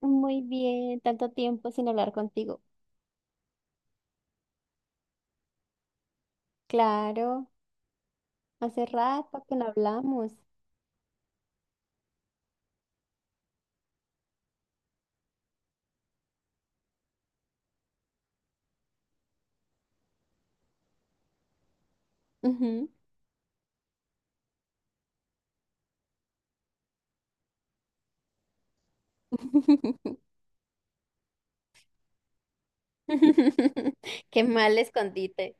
Muy bien, tanto tiempo sin hablar contigo. Claro, hace rato que no hablamos. Ujú. Qué mal escondite.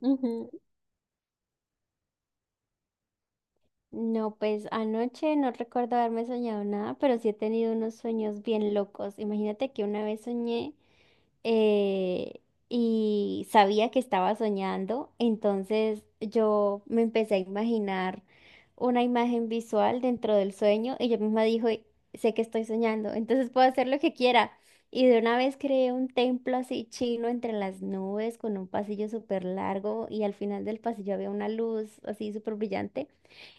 Ujú. No, pues anoche no recuerdo haberme soñado nada, pero sí he tenido unos sueños bien locos. Imagínate que una vez soñé, eh, y sabía que estaba soñando, entonces yo me empecé a imaginar una imagen visual dentro del sueño y yo misma dije, sé que estoy soñando, entonces puedo hacer lo que quiera. Y de una vez creé un templo así chino entre las nubes con un pasillo súper largo y al final del pasillo había una luz así súper brillante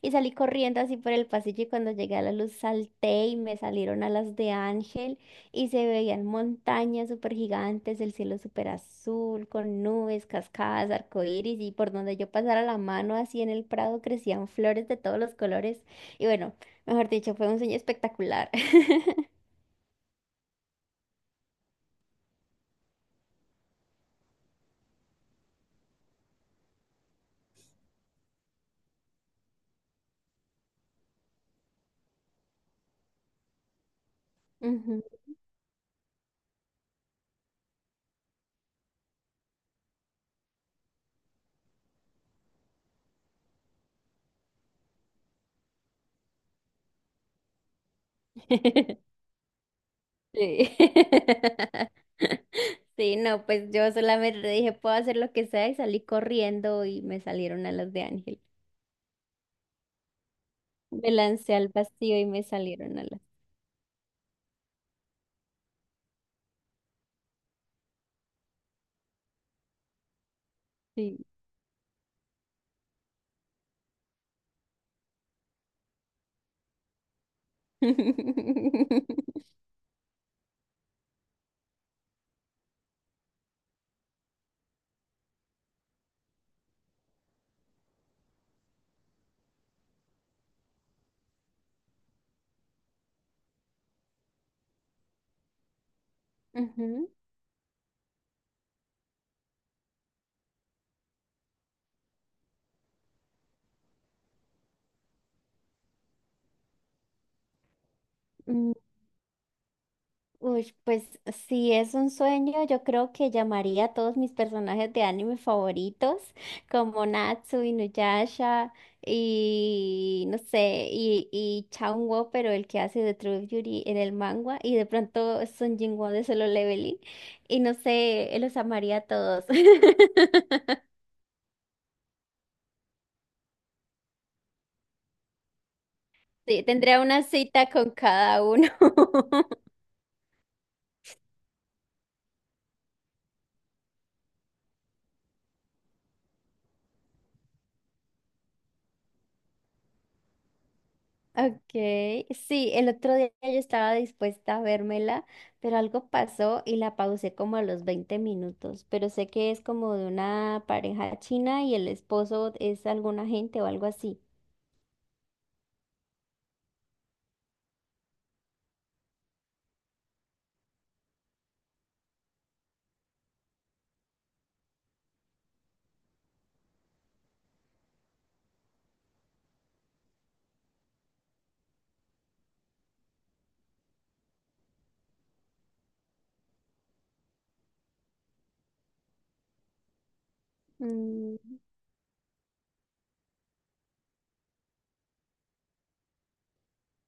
y salí corriendo así por el pasillo y cuando llegué a la luz salté y me salieron alas de ángel y se veían montañas súper gigantes, el cielo súper azul, con nubes, cascadas, arcoíris, y por donde yo pasara la mano así en el prado crecían flores de todos los colores. Y bueno, mejor dicho, fue un sueño espectacular. Ujú. Sí. Sí, no, pues yo solamente dije, puedo hacer lo que sea y salí corriendo y me salieron alas de ángel. Me lancé al vacío y me salieron alas. Sí. Ujú. Uy, pues si es un sueño, yo creo que llamaría a todos mis personajes de anime favoritos, como Natsu, Inuyasha y no sé, y Chaun pero el que hace de True Beauty en el manga, y de pronto Son Jinwoo de Solo Leveling, y no sé, los amaría a todos. Sí, tendría una cita con cada uno. Okay, sí, el otro día yo estaba dispuesta a vérmela, pero algo pasó y la pausé como a los 20 minutos, pero sé que es como de una pareja china y el esposo es algún agente o algo así. Mm,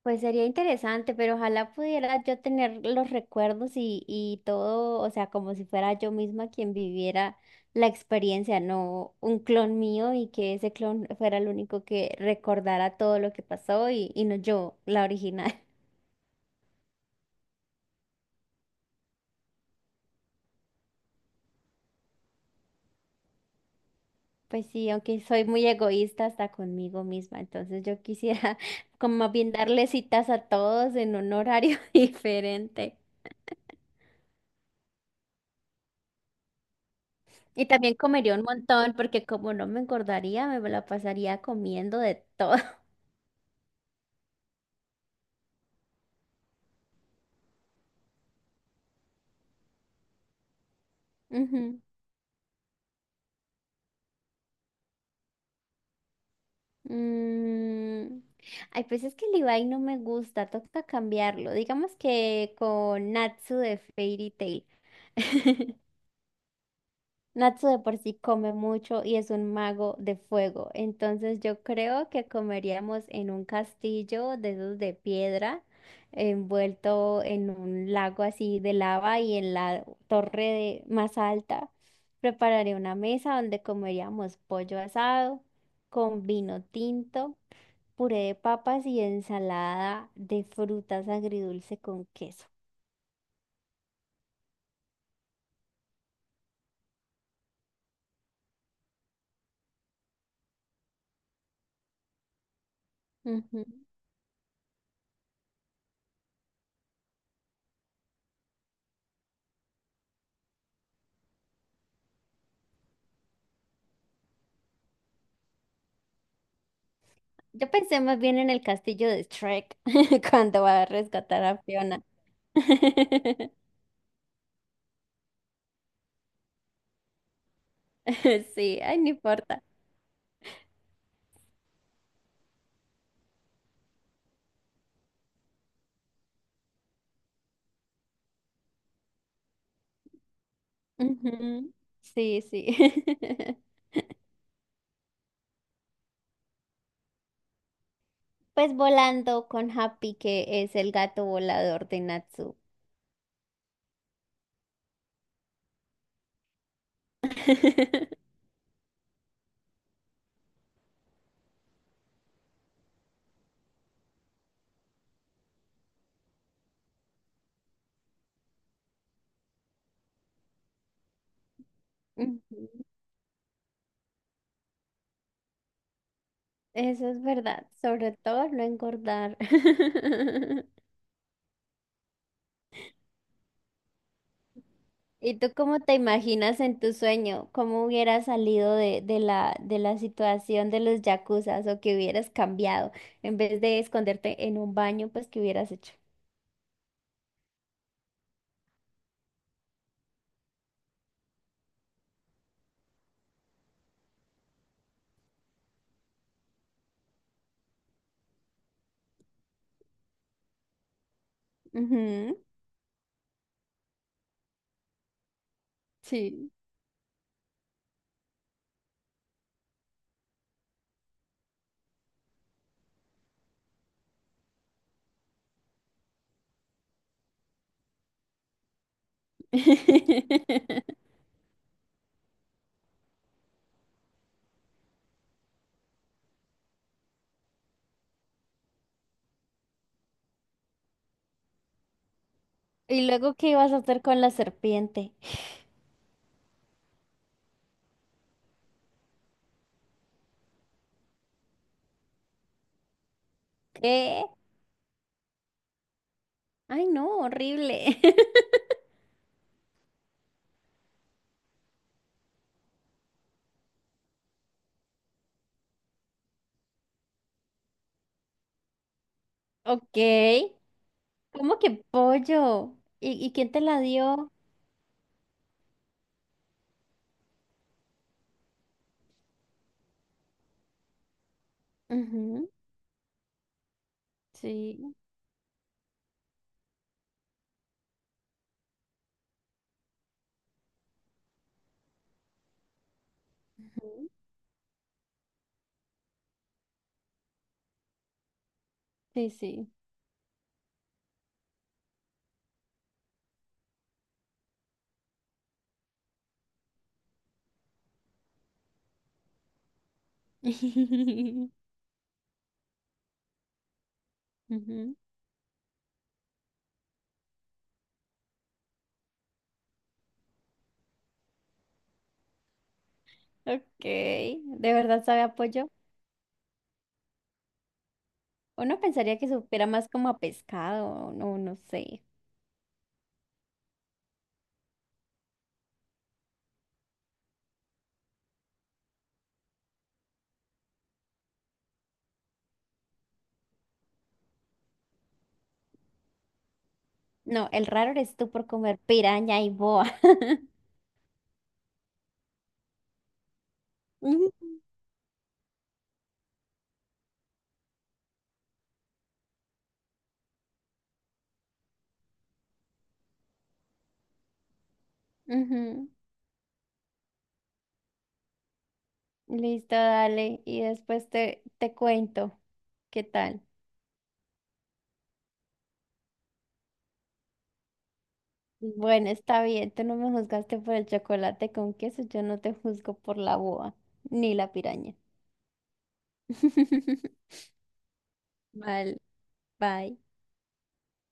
pues sería interesante, pero ojalá pudiera yo tener los recuerdos y todo, o sea, como si fuera yo misma quien viviera la experiencia, no un clon mío y que ese clon fuera el único que recordara todo lo que pasó y no yo, la original. Pues sí, aunque soy muy egoísta hasta conmigo misma, entonces yo quisiera como más bien darle citas a todos en un horario diferente. Y también comería un montón, porque como no me engordaría, me la pasaría comiendo de todo. Ujú. Mm, Ay, pues es que el Ibai no me gusta, toca cambiarlo. Digamos que con Natsu de Fairy Tail. Natsu de por sí come mucho y es un mago de fuego, entonces yo creo que comeríamos en un castillo de esos de piedra, envuelto en un lago así de lava y en la torre más alta. Prepararé una mesa donde comeríamos pollo asado con vino tinto, puré de papas y ensalada de frutas agridulce con queso. Yo pensé más bien en el castillo de Shrek cuando va a rescatar a Fiona. Sí, ay, no importa. Ujú, sí, sí. Pues volando con Happy, que es el gato volador de Natsu. Ujú, eso es verdad, sobre todo no engordar. ¿Y tú cómo te imaginas en tu sueño? ¿Cómo hubieras salido de la situación de los yakuzas o que hubieras cambiado en vez de esconderte en un baño, pues qué hubieras hecho? Ujú, sí. ¿Y luego qué ibas a hacer con la serpiente? ¿Qué? Ay, no, horrible. Ok. ¿Cómo que pollo? ¿Y quién te la dio? Ujú, sí. Ujú, sí, sí. Ujú. Ok, ¿de verdad sabe a pollo? Uno pensaría que supiera más como a pescado, no, no sé. No, el raro eres tú por comer piraña y boa. Ujú. Ujú. Listo, dale. Y después te cuento qué tal. Bueno, está bien, tú no me juzgaste por el chocolate con queso, yo no te juzgo por la boa, ni la piraña. Vale, bye.